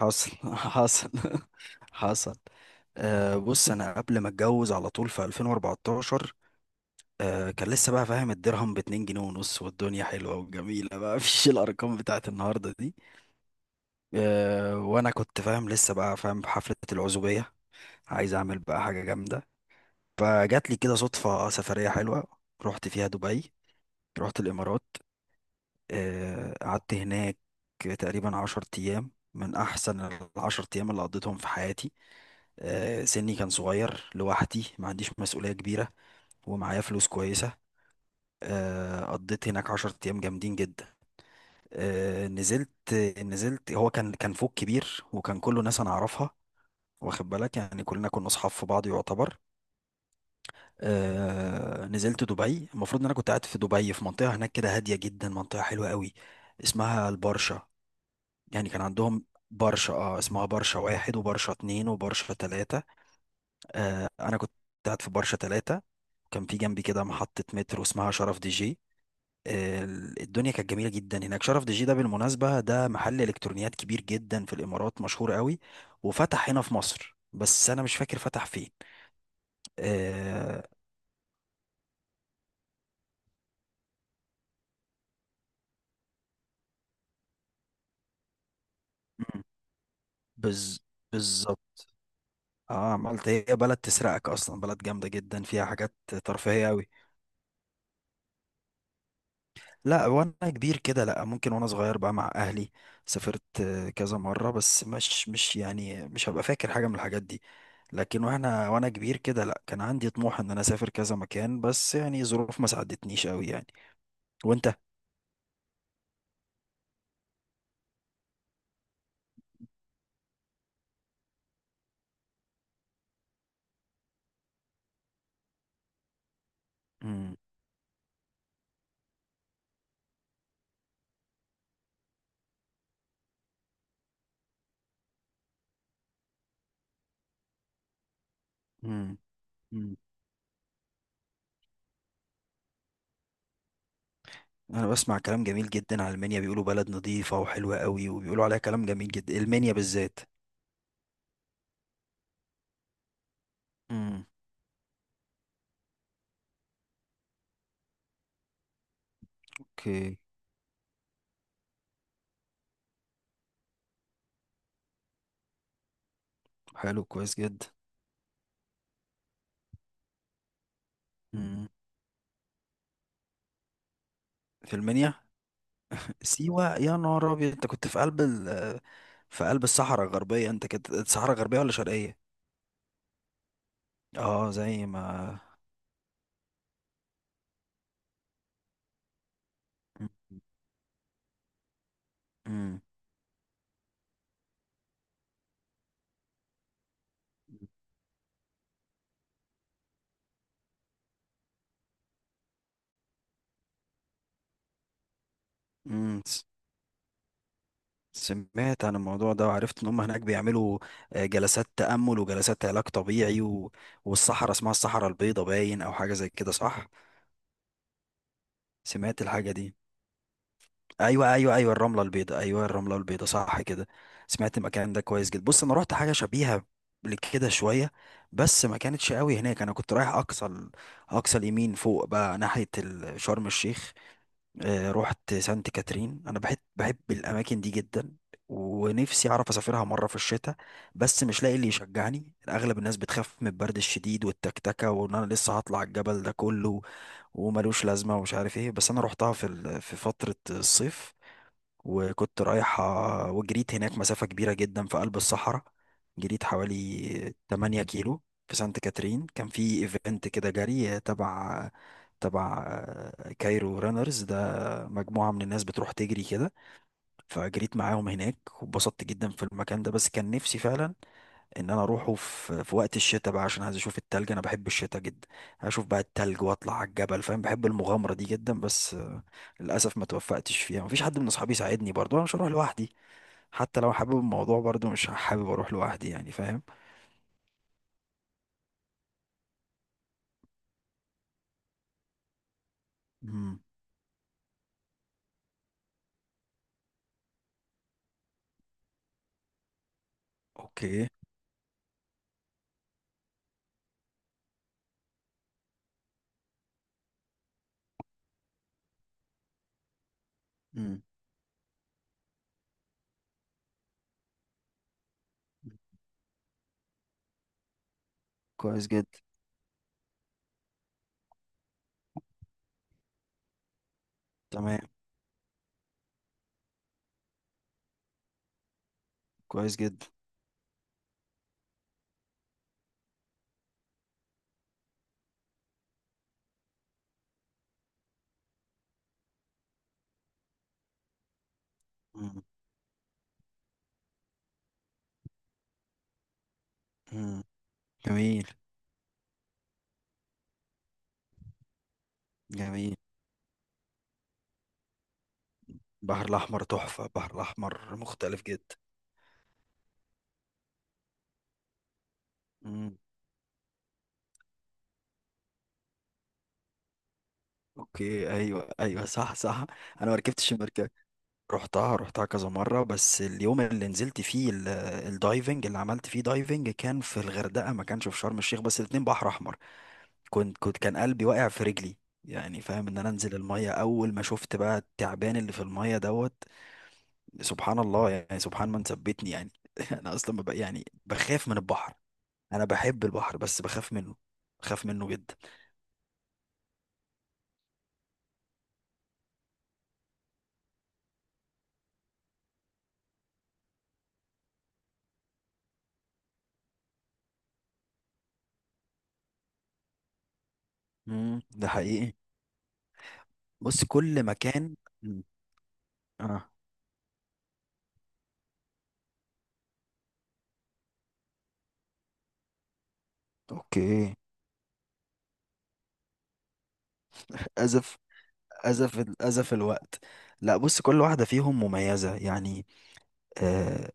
حصل حصل حصل. بص، انا قبل ما اتجوز على طول في 2014. كان لسه بقى فاهم الدرهم ب 2 جنيه ونص، والدنيا حلوه وجميله بقى. مفيش الارقام بتاعت النهارده دي. وانا كنت فاهم لسه بقى فاهم بحفله العزوبيه، عايز اعمل بقى حاجه جامده. فجات لي كده صدفه سفريه حلوه، رحت فيها دبي، رحت الامارات. قعدت هناك تقريبا 10 ايام، من احسن العشر ايام اللي قضيتهم في حياتي. سني كان صغير، لوحدي، ما عنديش مسؤولية كبيرة، ومعايا فلوس كويسة. قضيت هناك عشرة أيام جامدين جدا. آه، نزلت نزلت، هو كان فوق كبير، وكان كله ناس أنا أعرفها، واخد بالك، يعني كلنا كنا أصحاب في بعض يعتبر. نزلت دبي، المفروض إن أنا كنت قاعد في دبي في منطقة هناك كده هادية جدا، منطقة حلوة قوي، اسمها البرشا. يعني كان عندهم برشا، اسمها برشا واحد وبرشا اتنين وبرشا تلاتة. انا كنت قاعد في برشا ثلاثة، وكان في جنبي كده محطة مترو اسمها شرف دي جي. آه، الدنيا كانت جميلة جدا هناك. شرف دي جي ده بالمناسبة ده محل الكترونيات كبير جدا في الامارات، مشهور قوي، وفتح هنا في مصر بس انا مش فاكر فتح فين. آه، مم، بز بالظبط. اه، عملت، هي بلد تسرقك اصلا، بلد جامدة جدا فيها حاجات ترفيهية قوي. لا، وانا كبير كده لا، ممكن وانا صغير بقى مع اهلي سافرت، كذا مرة، بس مش يعني مش هبقى فاكر حاجة من الحاجات دي. لكن وانا كبير كده لا، كان عندي طموح ان انا اسافر كذا مكان، بس يعني ظروف ما ساعدتنيش قوي يعني. وانت؟ مم. مم. مم. انا بسمع كلام جميل جدا عن المنيا، بيقولوا بلد نظيفة وحلوة قوي، وبيقولوا عليها كلام جميل جدا، المنيا بالذات. مم. اوكي، حلو، كويس جدا. مم. في المنيا. سيوة يا نهار أبيض، أنت كنت في قلب الصحراء الغربية، أنت كنت الصحراء الغربية ولا شرقية؟ زي ما... مم. مم. سمعت عن الموضوع ده، وعرفت إن هم هناك بيعملوا جلسات تأمل وجلسات علاج طبيعي و... والصحراء اسمها الصحراء البيضاء باين، أو حاجة زي كده، صح؟ سمعت الحاجة دي. ايوه ايوه ايوه، الرمله البيضاء، ايوه الرمله البيضاء صح كده. سمعت المكان ده كويس جدا. بص، انا رحت حاجه شبيهه لكده شويه، بس ما كانتش قوي هناك. انا كنت رايح اقصى اليمين فوق بقى شرم الشيخ. رحت سانت كاترين، انا بحب الاماكن دي جدا، ونفسي اعرف اسافرها مره في الشتاء، بس مش لاقي اللي يشجعني. اغلب الناس بتخاف من البرد الشديد والتكتكه، وان انا لسه هطلع الجبل ده كله، وملوش لازمه ومش عارف ايه. بس انا رحتها في فتره الصيف، وكنت رايح، وجريت هناك مسافة كبيرة جدا في قلب الصحراء، جريت حوالي 8 كيلو في سانت كاترين. كان في ايفنت كده جري تبع كايرو رانرز ده، مجموعة من الناس بتروح تجري كده، فجريت معاهم هناك، واتبسطت جدا في المكان ده. بس كان نفسي فعلا ان انا اروحه في وقت الشتاء بقى، عشان عايز اشوف التلج، انا بحب الشتاء جدا، اشوف بقى التلج واطلع على الجبل، فاهم، بحب المغامره دي جدا. بس للاسف ما توفقتش فيها، مفيش حد من اصحابي يساعدني، برضه انا مش هروح لوحدي، حتى لو حابب الموضوع برضه مش حابب اروح لوحدي يعني، فاهم؟ امم اوكي. امم كويس جدا. تمام، كويس جدا. امم امم جميل. جميل. البحر الاحمر تحفه، البحر الاحمر مختلف جدا. امم اوكي، ايوه ايوه، صح صح. انا ما ركبتش المركبه. رحتها كذا مرة، بس اليوم اللي نزلت فيه الدايفنج، اللي عملت فيه دايفنج كان في الغردقة، ما كانش في شرم الشيخ، بس الاتنين بحر أحمر. كنت كان قلبي واقع في رجلي، يعني فاهم، ان انا انزل المية. اول ما شفت بقى التعبان اللي في المية دوت، سبحان الله، يعني سبحان من ثبتني يعني. انا اصلا ببقى يعني بخاف من البحر، انا بحب البحر بس بخاف منه، بخاف منه جدا. ده حقيقي. بص، كل مكان. مم. اه، اوكي. اسف، أزف أزف الوقت. لا بص، كل واحدة فيهم مميزة يعني. آه،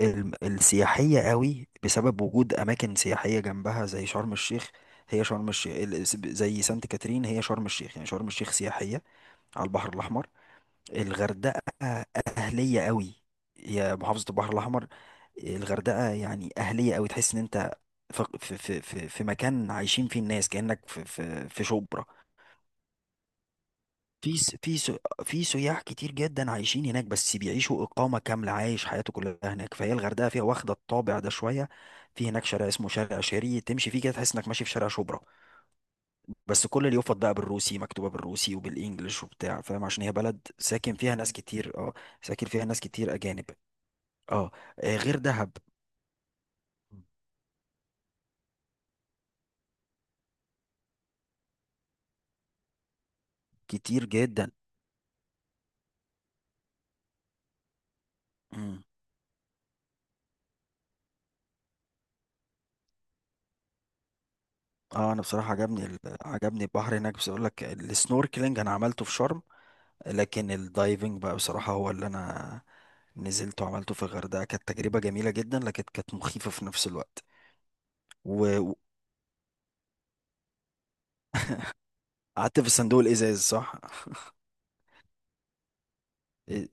السياحية قوي بسبب وجود أماكن سياحية جنبها، زي شرم الشيخ. هي شرم الشيخ زي سانت كاترين، هي شرم الشيخ، يعني شرم الشيخ سياحية، على البحر الأحمر. الغردقة أهلية قوي، هي محافظة البحر الأحمر. الغردقة يعني أهلية قوي، تحس إن أنت في مكان عايشين فيه الناس، كأنك في شبرا. في س- في س- في سياح كتير جدا عايشين هناك، بس بيعيشوا إقامة كاملة، عايش حياته كلها هناك، فهي الغردقة فيها واخدة الطابع ده شوية. في هناك شارع اسمه شارع شيري، تمشي فيه كده تحس إنك ماشي في شارع شبرا، بس كل اليافط بقى بالروسي، مكتوبة بالروسي وبالإنجلش وبتاع، فاهم، عشان هي بلد ساكن فيها ناس كتير. اه، ساكن فيها ناس كتير أجانب. اه. غير دهب. كتير جدا. مم. اه، انا بصراحه عجبني البحر هناك. بس اقول لك، السنوركلينج انا عملته في شرم، لكن الدايفنج بقى بصراحة هو اللي انا نزلت وعملته في الغردقة. كانت تجربة جميلة جدا، لكن كانت مخيفة في نفس الوقت. و- وقعدت في الصندوق الإزاز، صح؟ إيه،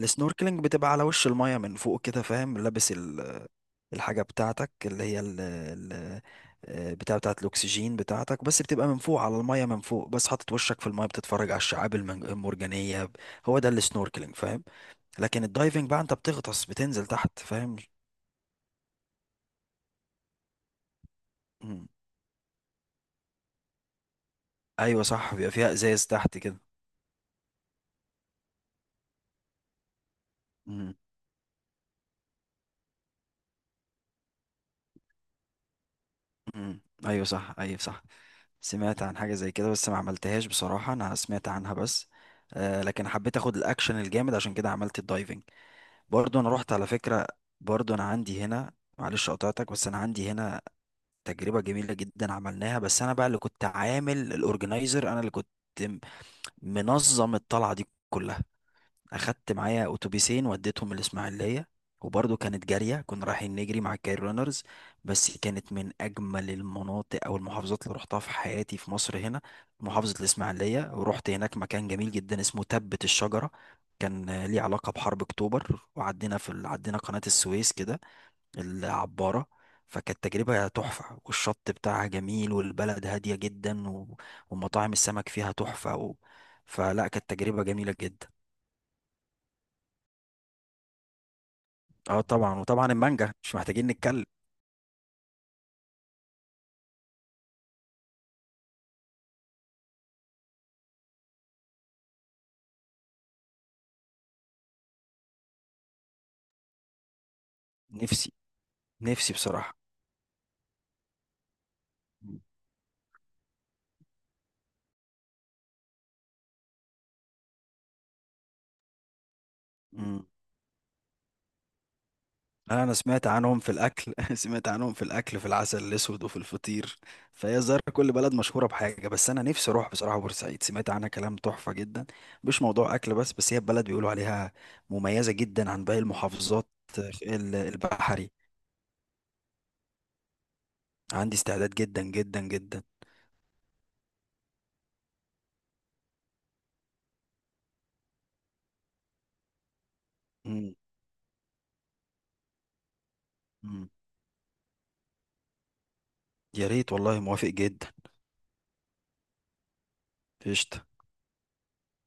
السنوركلينج بتبقى على وش المية من فوق كده، فاهم، لابس الحاجة بتاعتك اللي هي ال بتاعت الأكسجين بتاعتك، بس بتبقى من فوق على المية من فوق، بس حاطط وشك في المية، بتتفرج على الشعاب المرجانية. هو ده السنوركلينج، فاهم؟ لكن الدايفنج بقى انت بتغطس، بتنزل تحت، فاهم؟ ايوه صح، بيبقى فيها ازاز تحت كده. امم ايوه صح، ايوه صح. سمعت عن حاجه زي كده بس ما عملتهاش بصراحه، انا سمعت عنها بس. آه، لكن حبيت اخد الاكشن الجامد، عشان كده عملت الدايفنج. برضو انا رحت على فكره، برضو انا عندي هنا، معلش قطعتك، بس انا عندي هنا تجربه جميله جدا عملناها. بس انا بقى اللي كنت عامل الاورجنايزر، انا اللي كنت م- منظم الطلعه دي كلها. اخدت معايا اتوبيسين وديتهم الاسماعيليه، وبرضه كانت جاريه، كنا رايحين نجري مع الكاير رانرز. بس كانت من اجمل المناطق او المحافظات اللي رحتها في حياتي في مصر هنا، محافظه الاسماعيليه. ورحت هناك مكان جميل جدا اسمه تبت الشجره، كان ليه علاقه بحرب اكتوبر، وعدينا عدينا قناه السويس كده العباره. فكانت تجربة تحفة، والشط بتاعها جميل، والبلد هادية جدا، و... ومطاعم السمك فيها تحفة. و... فلا، كانت تجربة جميلة جدا. اه طبعا، وطبعا المانجا مش محتاجين نتكلم. نفسي نفسي بصراحة. مم. انا سمعت عنهم في الاكل. سمعت عنهم في الاكل، في العسل الاسود وفي الفطير، فهي الظاهر كل بلد مشهورة بحاجة. بس انا نفسي اروح بصراحة بورسعيد، سمعت عنها كلام تحفة جدا، مش موضوع اكل بس، هي بلد بيقولوا عليها مميزة جدا عن باقي المحافظات البحري. عندي استعداد جدا جدا جدا. مم. مم. يا ريت والله، موافق جدا. قشطة.